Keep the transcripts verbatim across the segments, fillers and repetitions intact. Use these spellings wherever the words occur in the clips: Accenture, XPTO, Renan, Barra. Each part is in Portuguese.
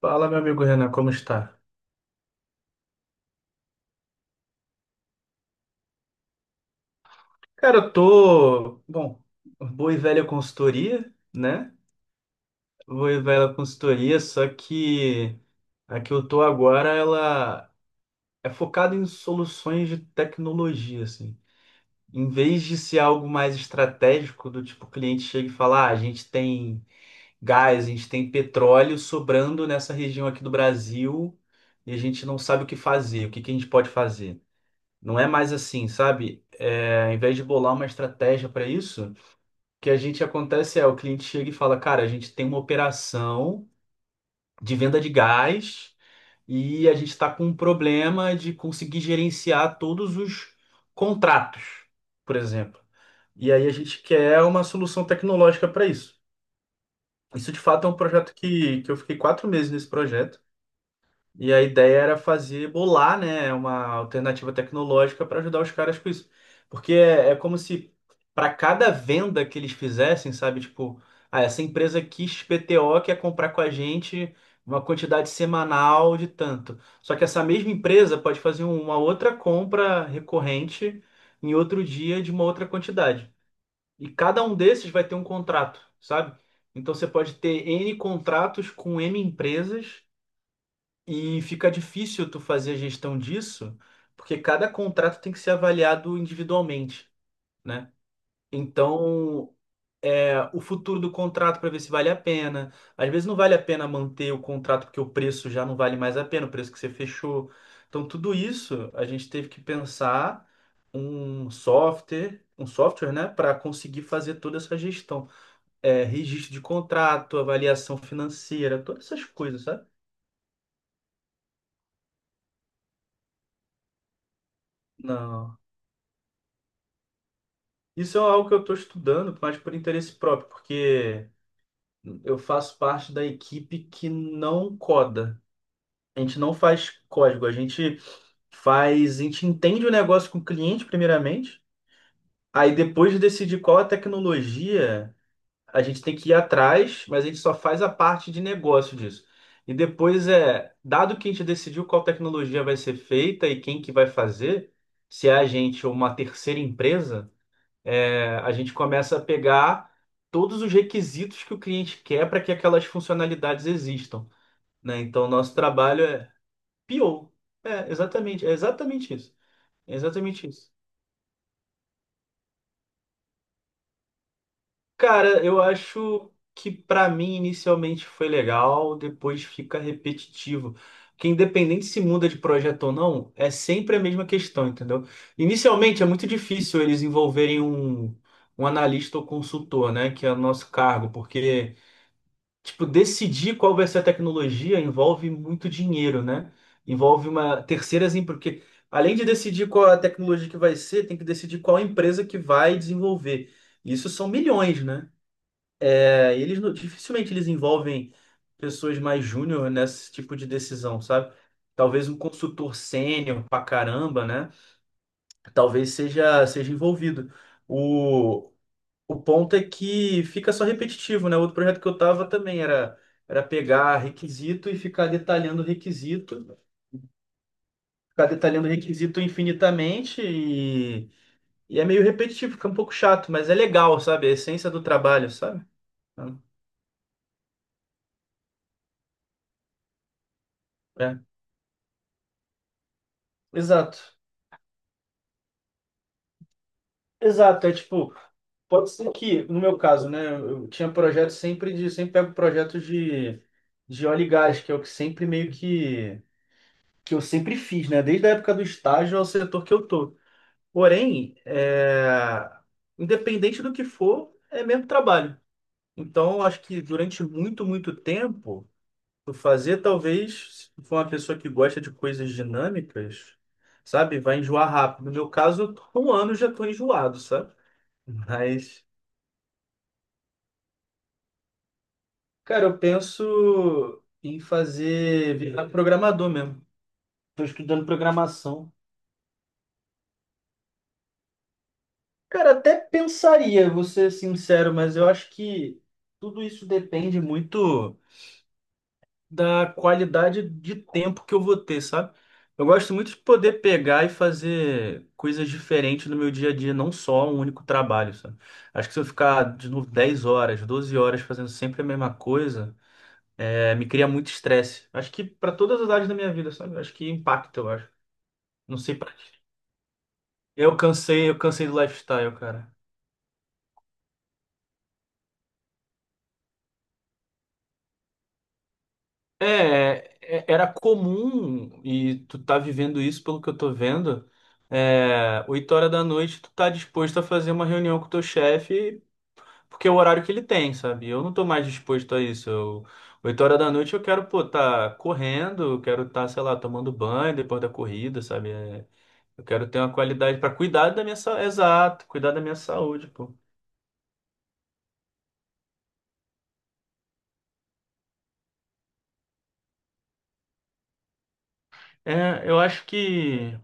Fala, meu amigo Renan, como está? Cara, eu tô, bom, boa e velha consultoria, né? Boa e velha consultoria, só que a que eu tô agora, ela é focada em soluções de tecnologia, assim. Em vez de ser algo mais estratégico, do tipo, o cliente chega e fala, ah, a gente tem gás, a gente tem petróleo sobrando nessa região aqui do Brasil e a gente não sabe o que fazer, o que que a gente pode fazer. Não é mais assim, sabe? É, ao invés de bolar uma estratégia para isso, o que a gente acontece é o cliente chega e fala, cara, a gente tem uma operação de venda de gás e a gente está com um problema de conseguir gerenciar todos os contratos, por exemplo. E aí a gente quer uma solução tecnológica para isso. Isso de fato é um projeto que, que eu fiquei quatro meses nesse projeto. E a ideia era fazer, bolar, né, uma alternativa tecnológica para ajudar os caras com isso. Porque é, é como se para cada venda que eles fizessem, sabe, tipo, ah, essa empresa X P T O quer comprar com a gente uma quantidade semanal de tanto. Só que essa mesma empresa pode fazer um, uma outra compra recorrente em outro dia de uma outra quantidade. E cada um desses vai ter um contrato, sabe? Então você pode ter N contratos com N empresas e fica difícil tu fazer a gestão disso, porque cada contrato tem que ser avaliado individualmente, né? Então, é, o futuro do contrato para ver se vale a pena. Às vezes não vale a pena manter o contrato porque o preço já não vale mais a pena, o preço que você fechou. Então, tudo isso a gente teve que pensar um software, um software, né, para conseguir fazer toda essa gestão. É, registro de contrato, avaliação financeira, todas essas coisas, sabe? Não. Isso é algo que eu estou estudando, mas por interesse próprio, porque eu faço parte da equipe que não coda. A gente não faz código, a gente faz, a gente entende o negócio com o cliente primeiramente, aí depois de decidir qual a tecnologia, a gente tem que ir atrás, mas a gente só faz a parte de negócio disso. E depois é, dado que a gente decidiu qual tecnologia vai ser feita e quem que vai fazer, se é a gente ou uma terceira empresa, é, a gente começa a pegar todos os requisitos que o cliente quer para que aquelas funcionalidades existam, né? Então, nosso trabalho é P O. É, exatamente, é exatamente isso. É exatamente isso. Cara, eu acho que para mim inicialmente foi legal, depois fica repetitivo. Porque independente se muda de projeto ou não, é sempre a mesma questão, entendeu? Inicialmente é muito difícil eles envolverem um, um analista ou consultor, né? Que é o nosso cargo, porque tipo, decidir qual vai ser a tecnologia envolve muito dinheiro, né? Envolve uma terceira, assim, porque além de decidir qual a tecnologia que vai ser, tem que decidir qual empresa que vai desenvolver. Isso são milhões, né? É, e eles não- dificilmente eles envolvem pessoas mais júnior nesse tipo de decisão, sabe? Talvez um consultor sênior pra caramba, né? Talvez seja seja envolvido. o o ponto é que fica só repetitivo, né? Outro projeto que eu tava também era, era pegar requisito e ficar detalhando requisito, ficar detalhando requisito infinitamente e, e é meio repetitivo, fica um pouco chato, mas é legal, sabe? É a essência do trabalho, sabe? É, exato. Exato, é tipo, pode ser que, no meu caso, né, eu tinha projetos sempre de, sempre pego projetos de, de óleo e gás, que é o que sempre meio que, que eu sempre fiz, né, desde a época do estágio ao setor que eu tô. Porém, é, independente do que for, é mesmo trabalho. Então, eu acho que durante muito, muito tempo, tu fazer, talvez, se for uma pessoa que gosta de coisas dinâmicas, sabe, vai enjoar rápido. No meu caso, eu tô- com um ano eu já tô enjoado, sabe? Mas, cara, eu penso em fazer virar programador mesmo. Tô estudando programação. Cara, até pensaria, vou ser sincero, mas eu acho que tudo isso depende muito da qualidade de tempo que eu vou ter, sabe? Eu gosto muito de poder pegar e fazer coisas diferentes no meu dia a dia, não só um único trabalho, sabe? Acho que se eu ficar, de novo, dez horas, doze horas fazendo sempre a mesma coisa, é, me cria muito estresse. Acho que para todas as áreas da minha vida, sabe? Acho que impacta, eu acho. Não sei pra ti. Eu cansei, eu cansei do lifestyle, cara. É, é- era comum, e tu tá vivendo isso pelo que eu tô vendo, é, oito horas da noite tu tá disposto a fazer uma reunião com o teu chefe, porque é o horário que ele tem, sabe? Eu não tô mais disposto a isso. Eu, oito horas da noite eu quero, pô, tá correndo, eu quero tá, sei lá, tomando banho depois da corrida, sabe? É, eu quero ter uma qualidade pra cuidar da minha saúde, exato, cuidar da minha saúde, pô. É, eu acho que.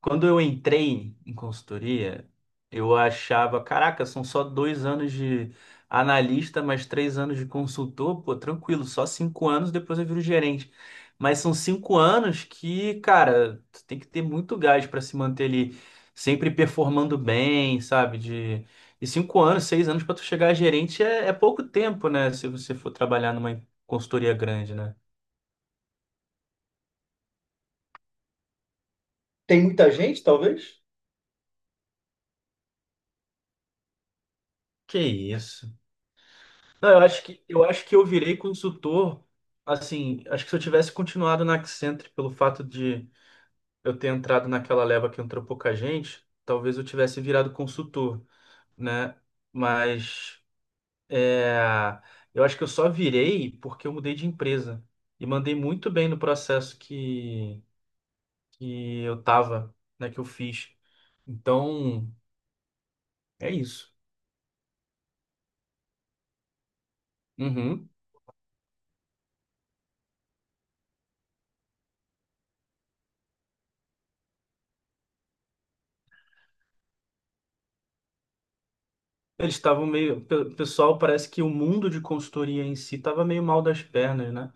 Quando eu entrei em consultoria, eu achava, caraca, são só dois anos de analista, mais três anos de consultor, pô, tranquilo, só cinco anos, depois eu viro gerente. Mas são cinco anos que, cara, tu tem que ter muito gás para se manter ali, sempre performando bem, sabe? De... E cinco anos, seis anos para tu chegar a gerente é, é pouco tempo, né? Se você for trabalhar numa consultoria grande, né? Tem muita gente, talvez? Que isso. Não, eu acho que eu acho que eu virei consultor, assim, acho que se eu tivesse continuado na Accenture pelo fato de eu ter entrado naquela leva que entrou pouca gente, talvez eu tivesse virado consultor, né? Mas é, eu acho que eu só virei porque eu mudei de empresa e mandei muito bem no processo que, que eu tava, né, que eu fiz. Então, é isso. Uhum. Eles estavam meio. Pe- Pessoal, parece que o mundo de consultoria em si estava meio mal das pernas, né?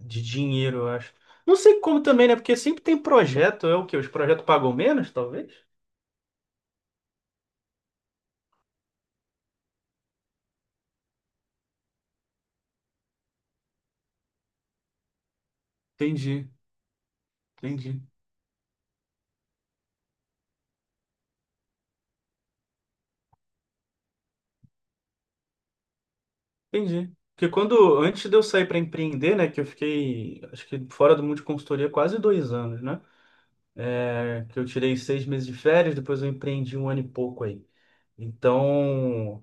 De dinheiro, eu acho. Não sei como também, né? Porque sempre tem projeto. É o quê? Os projetos pagam menos, talvez? Entendi, entendi. Entendi. Porque quando, antes de eu sair para empreender, né? Que eu fiquei, acho que fora do mundo de consultoria quase dois anos, né? É, que eu tirei seis meses de férias, depois eu empreendi um ano e pouco aí. Então,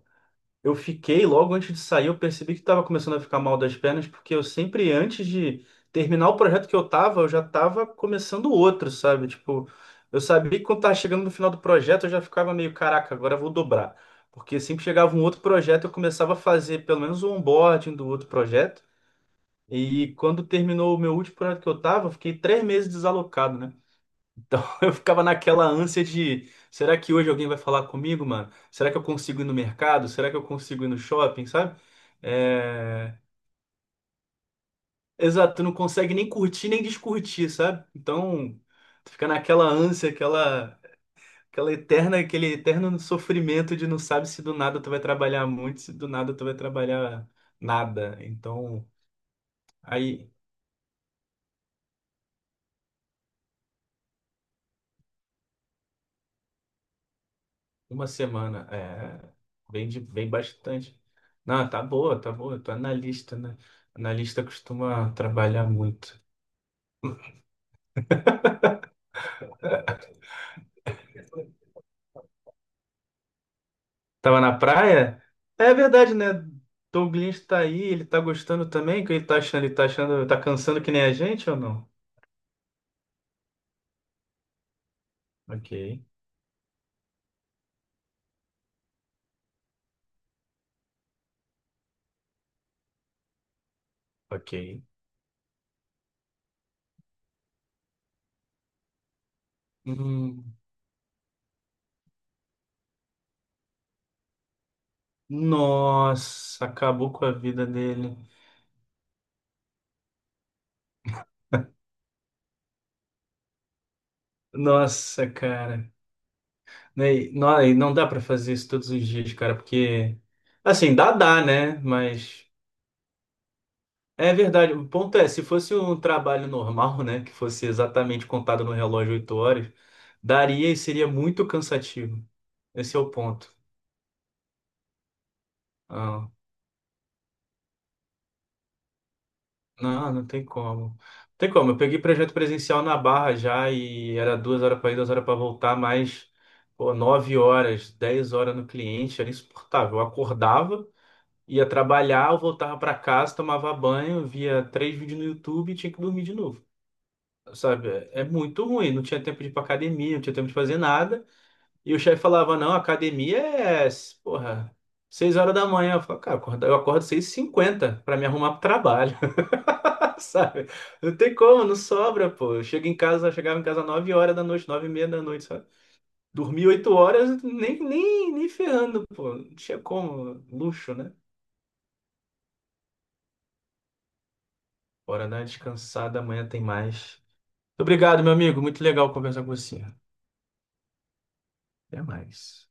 Eu fiquei, logo antes de sair, eu percebi que estava começando a ficar mal das pernas, porque eu sempre, antes de terminar o projeto que eu tava, eu já tava começando outro, sabe? Tipo, eu sabia que quando tava chegando no final do projeto, eu já ficava meio, caraca, agora eu vou dobrar. Porque sempre chegava um outro projeto, eu começava a fazer pelo menos o onboarding do outro projeto. E quando terminou o meu último projeto que eu tava, eu fiquei três meses desalocado, né? Então eu ficava naquela ânsia de, será que hoje alguém vai falar comigo, mano? Será que eu consigo ir no mercado? Será que eu consigo ir no shopping, sabe? É... Exato, tu não consegue nem curtir nem descurtir, sabe? Então tu fica naquela ânsia, aquela, aquela eterna, aquele eterno sofrimento de não sabe se do nada tu vai trabalhar muito, se do nada tu vai trabalhar nada. Então aí uma semana, é, vem, de, vem bastante. Não, tá boa, tá boa, tô analista, né? Analista costuma trabalhar muito. Tava na praia? É verdade, né? Douglas tá aí, ele tá gostando também, o que ele tá achando? Ele tá achando, tá cansando que nem a gente ou não? Ok, ok. Hum, nossa, acabou com a vida dele. Nossa, cara. Né, e- não, e não dá pra fazer isso todos os dias, cara, porque... Assim, dá, dá, né? Mas... É verdade. O ponto é, se fosse um trabalho normal, né, que fosse exatamente contado no relógio oito horas, daria e seria muito cansativo. Esse é o ponto. Ah, não, não tem como. Não tem como. Eu peguei projeto presencial na Barra já e era duas horas para ir, duas horas para voltar, mais pô, nove horas, dez horas no cliente, era insuportável. Eu acordava, ia trabalhar, eu voltava para casa, tomava banho, via três vídeos no YouTube e tinha que dormir de novo. Sabe, é muito ruim. Não tinha tempo de ir pra academia, não tinha tempo de fazer nada. E o chefe falava, não, academia é, porra, seis horas da manhã. Eu falava, cara, eu acordo eu acordo seis e cinquenta pra me arrumar pro trabalho, sabe? Não tem como, não sobra, pô. Eu chego em casa, eu chegava em casa nove horas da noite, nove e meia da noite, sabe? Dormi oito horas, nem, nem, nem ferrando, pô. Não tinha como, luxo, né? Bora dar uma descansada, amanhã tem mais. Obrigado, meu amigo. Muito legal conversar com você. Até mais.